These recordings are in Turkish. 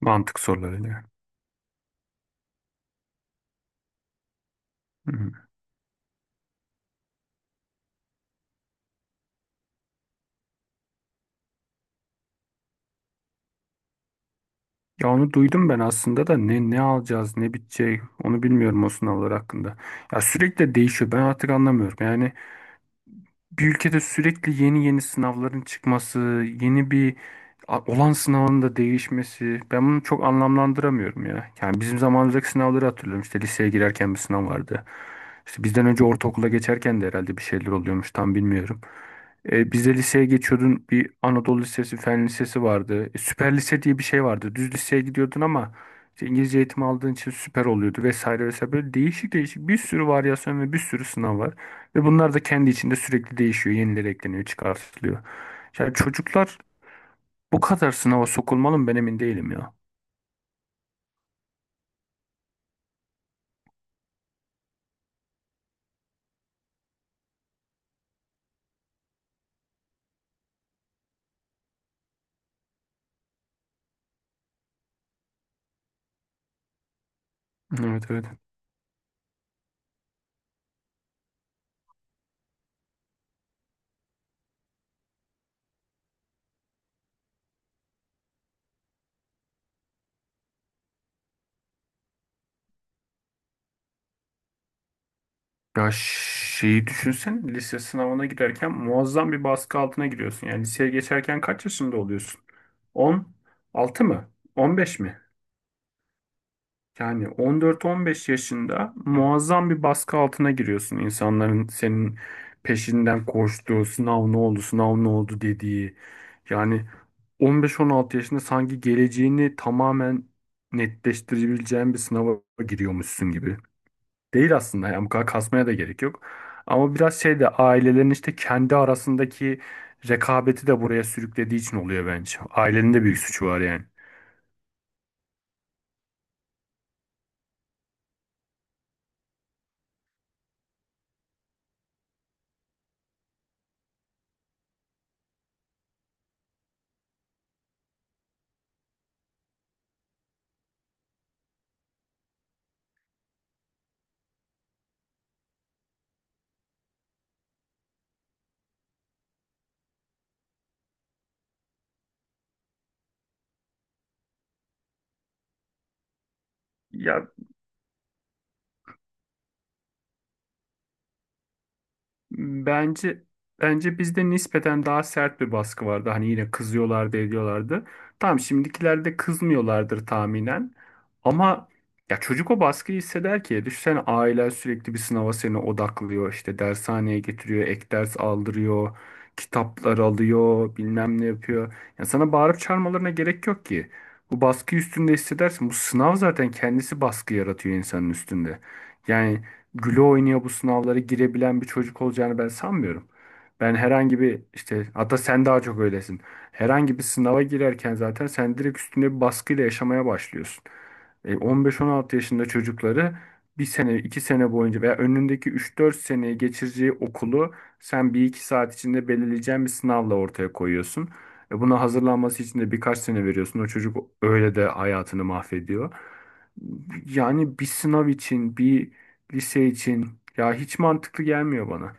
Mantık sorularıyla. Hı. Ya onu duydum ben aslında da ne alacağız ne bitecek onu bilmiyorum o sınavlar hakkında. Ya sürekli değişiyor ben artık anlamıyorum. Yani bir ülkede sürekli yeni yeni sınavların çıkması, yeni bir olan sınavın da değişmesi ben bunu çok anlamlandıramıyorum ya. Yani bizim zamanımızdaki sınavları hatırlıyorum. İşte liseye girerken bir sınav vardı. İşte bizden önce ortaokula geçerken de herhalde bir şeyler oluyormuş tam bilmiyorum. Biz de liseye geçiyordun bir Anadolu Lisesi, Fen Lisesi vardı. Süper lise diye bir şey vardı. Düz liseye gidiyordun ama işte İngilizce eğitimi aldığın için süper oluyordu vesaire vesaire. Böyle değişik değişik bir sürü varyasyon ve bir sürü sınav var. Ve bunlar da kendi içinde sürekli değişiyor, yenileri ekleniyor, çıkartılıyor. Yani çocuklar bu kadar sınava sokulmalı mı ben emin değilim ya. Evet, evet. Ya şeyi düşünsen lise sınavına girerken muazzam bir baskı altına giriyorsun. Yani liseye geçerken kaç yaşında oluyorsun? 10 6 mı? On beş mi? Yani 14-15 yaşında muazzam bir baskı altına giriyorsun. İnsanların senin peşinden koştuğu, sınav ne oldu, sınav ne oldu dediği. Yani 15-16 yaşında sanki geleceğini tamamen netleştirebileceğin bir sınava giriyormuşsun gibi. Değil aslında, yani bu kadar kasmaya da gerek yok. Ama biraz şey de ailelerin işte kendi arasındaki rekabeti de buraya sürüklediği için oluyor bence. Ailenin de büyük suçu var yani. Ya bence bence bizde nispeten daha sert bir baskı vardı. Hani yine kızıyorlardı, ediyorlardı. Tamam, şimdikilerde kızmıyorlardır tahminen. Ama ya çocuk o baskıyı hisseder ki. Düşünsene ailen sürekli bir sınava seni odaklıyor. İşte dershaneye getiriyor, ek ders aldırıyor, kitaplar alıyor, bilmem ne yapıyor. Ya sana bağırıp çağırmalarına gerek yok ki. Bu baskıyı üstünde hissedersin. Bu sınav zaten kendisi baskı yaratıyor insanın üstünde. Yani güle oynaya bu sınavlara girebilen bir çocuk olacağını ben sanmıyorum. Ben herhangi bir işte, hatta sen daha çok öylesin. Herhangi bir sınava girerken zaten sen direkt üstünde bir baskıyla yaşamaya başlıyorsun. 15-16 yaşında çocukları bir sene, iki sene boyunca veya önündeki üç dört seneyi geçireceği okulu sen bir iki saat içinde belirleyeceğin bir sınavla ortaya koyuyorsun. Buna hazırlanması için de birkaç sene veriyorsun. O çocuk öyle de hayatını mahvediyor. Yani bir sınav için, bir lise için ya hiç mantıklı gelmiyor bana.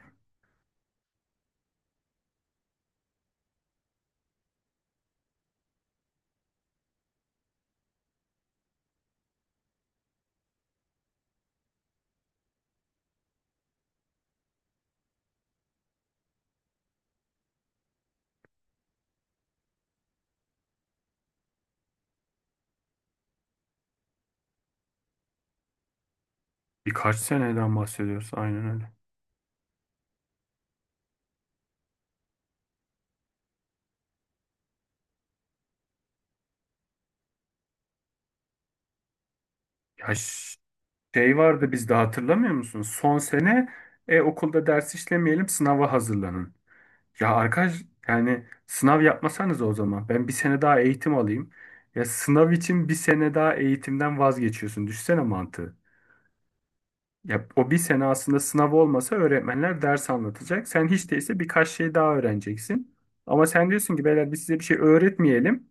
Birkaç seneden bahsediyoruz aynen öyle. Ya ş- Şey vardı bizde, hatırlamıyor musun? Son sene okulda ders işlemeyelim, sınava hazırlanın. Ya arkadaş, yani sınav yapmasanız o zaman ben bir sene daha eğitim alayım. Ya sınav için bir sene daha eğitimden vazgeçiyorsun. Düşsene mantığı. Ya o bir sene aslında sınav olmasa öğretmenler ders anlatacak. Sen hiç değilse birkaç şey daha öğreneceksin. Ama sen diyorsun ki beyler, biz size bir şey öğretmeyelim.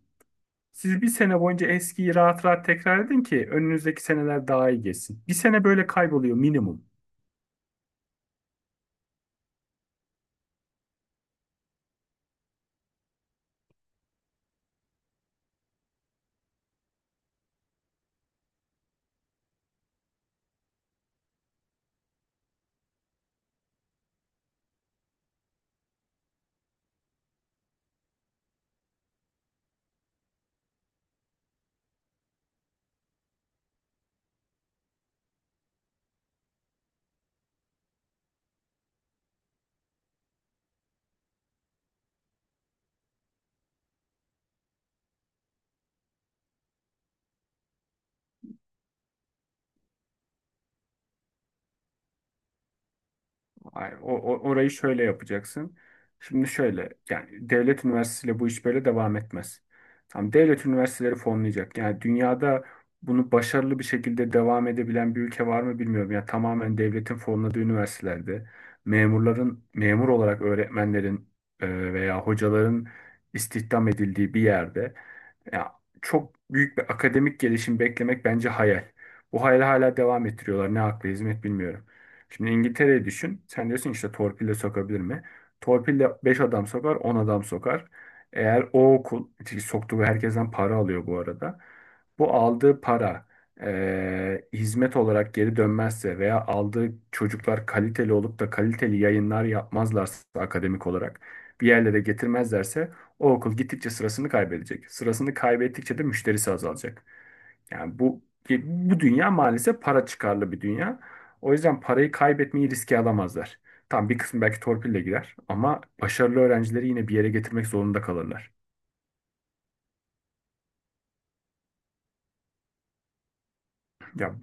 Siz bir sene boyunca eskiyi rahat rahat tekrar edin ki önünüzdeki seneler daha iyi geçsin. Bir sene böyle kayboluyor minimum. Hayır, orayı şöyle yapacaksın. Şimdi şöyle, yani devlet üniversitesiyle bu iş böyle devam etmez. Tamam, devlet üniversiteleri fonlayacak. Yani dünyada bunu başarılı bir şekilde devam edebilen bir ülke var mı bilmiyorum. Yani tamamen devletin fonladığı üniversitelerde memurların memur olarak, öğretmenlerin veya hocaların istihdam edildiği bir yerde ya çok büyük bir akademik gelişim beklemek bence hayal. Bu hayali hala devam ettiriyorlar. Ne akla hizmet bilmiyorum. Şimdi İngiltere'yi düşün. Sen diyorsun ki işte torpille sokabilir mi? Torpille 5 adam sokar, 10 adam sokar. Eğer o okul, çünkü soktuğu herkesten para alıyor bu arada. Bu aldığı para hizmet olarak geri dönmezse veya aldığı çocuklar kaliteli olup da kaliteli yayınlar yapmazlarsa, akademik olarak bir yerlere getirmezlerse, o okul gittikçe sırasını kaybedecek. Sırasını kaybettikçe de müşterisi azalacak. Yani bu dünya maalesef para çıkarlı bir dünya. O yüzden parayı kaybetmeyi riske alamazlar. Tam bir kısmı belki torpille girer ama başarılı öğrencileri yine bir yere getirmek zorunda kalırlar. Ya,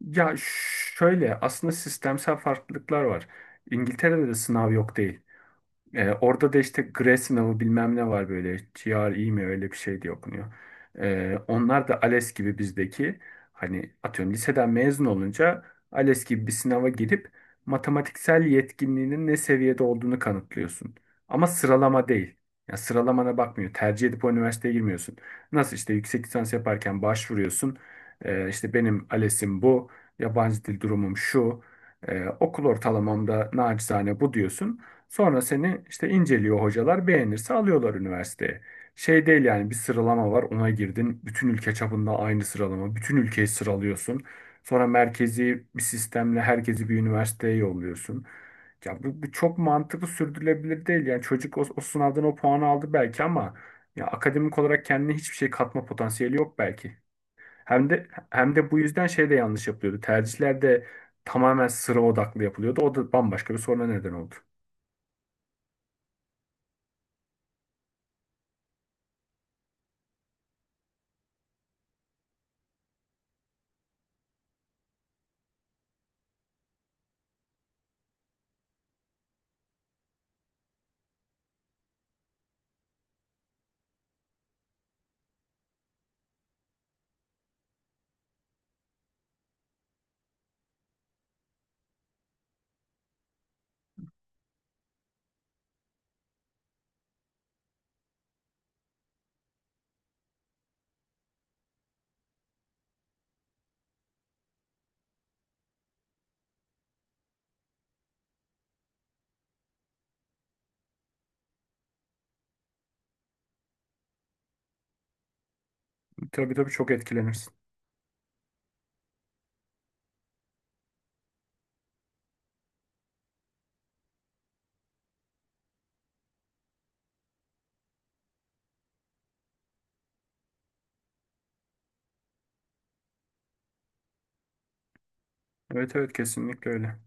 ya şöyle, aslında sistemsel farklılıklar var. İngiltere'de de sınav yok değil. Orada da işte GRE sınavı bilmem ne var böyle. GRE mi öyle bir şey diye okunuyor. Onlar da ALES gibi bizdeki, hani atıyorum liseden mezun olunca ALES gibi bir sınava girip matematiksel yetkinliğinin ne seviyede olduğunu kanıtlıyorsun. Ama sıralama değil. Yani sıralamana bakmıyor. Tercih edip o üniversiteye girmiyorsun. Nasıl işte yüksek lisans yaparken başvuruyorsun. İşte benim ALES'im bu. Yabancı dil durumum şu. Okul ortalamamda naçizane bu diyorsun. Sonra seni işte inceliyor hocalar, beğenirse alıyorlar üniversiteye. Şey değil yani, bir sıralama var, ona girdin, bütün ülke çapında aynı sıralama, bütün ülkeyi sıralıyorsun. Sonra merkezi bir sistemle herkesi bir üniversiteye yolluyorsun. Ya bu çok mantıklı sürdürülebilir değil, yani çocuk o sınavdan o puanı aldı belki ama ya akademik olarak kendine hiçbir şey katma potansiyeli yok belki. Hem de bu yüzden şey de yanlış yapılıyordu. Tercihler de tamamen sıra odaklı yapılıyordu. O da bambaşka bir soruna neden oldu. Tabii tabii, çok etkilenirsin. Evet evet, kesinlikle öyle.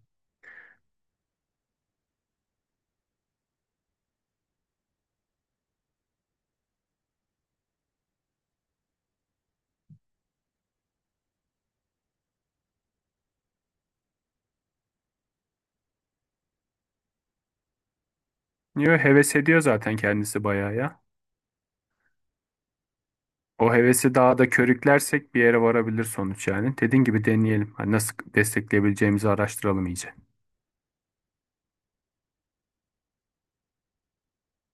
Niye heves ediyor zaten kendisi bayağı ya. O hevesi daha da körüklersek bir yere varabilir sonuç yani. Dediğin gibi deneyelim. Hani nasıl destekleyebileceğimizi araştıralım iyice.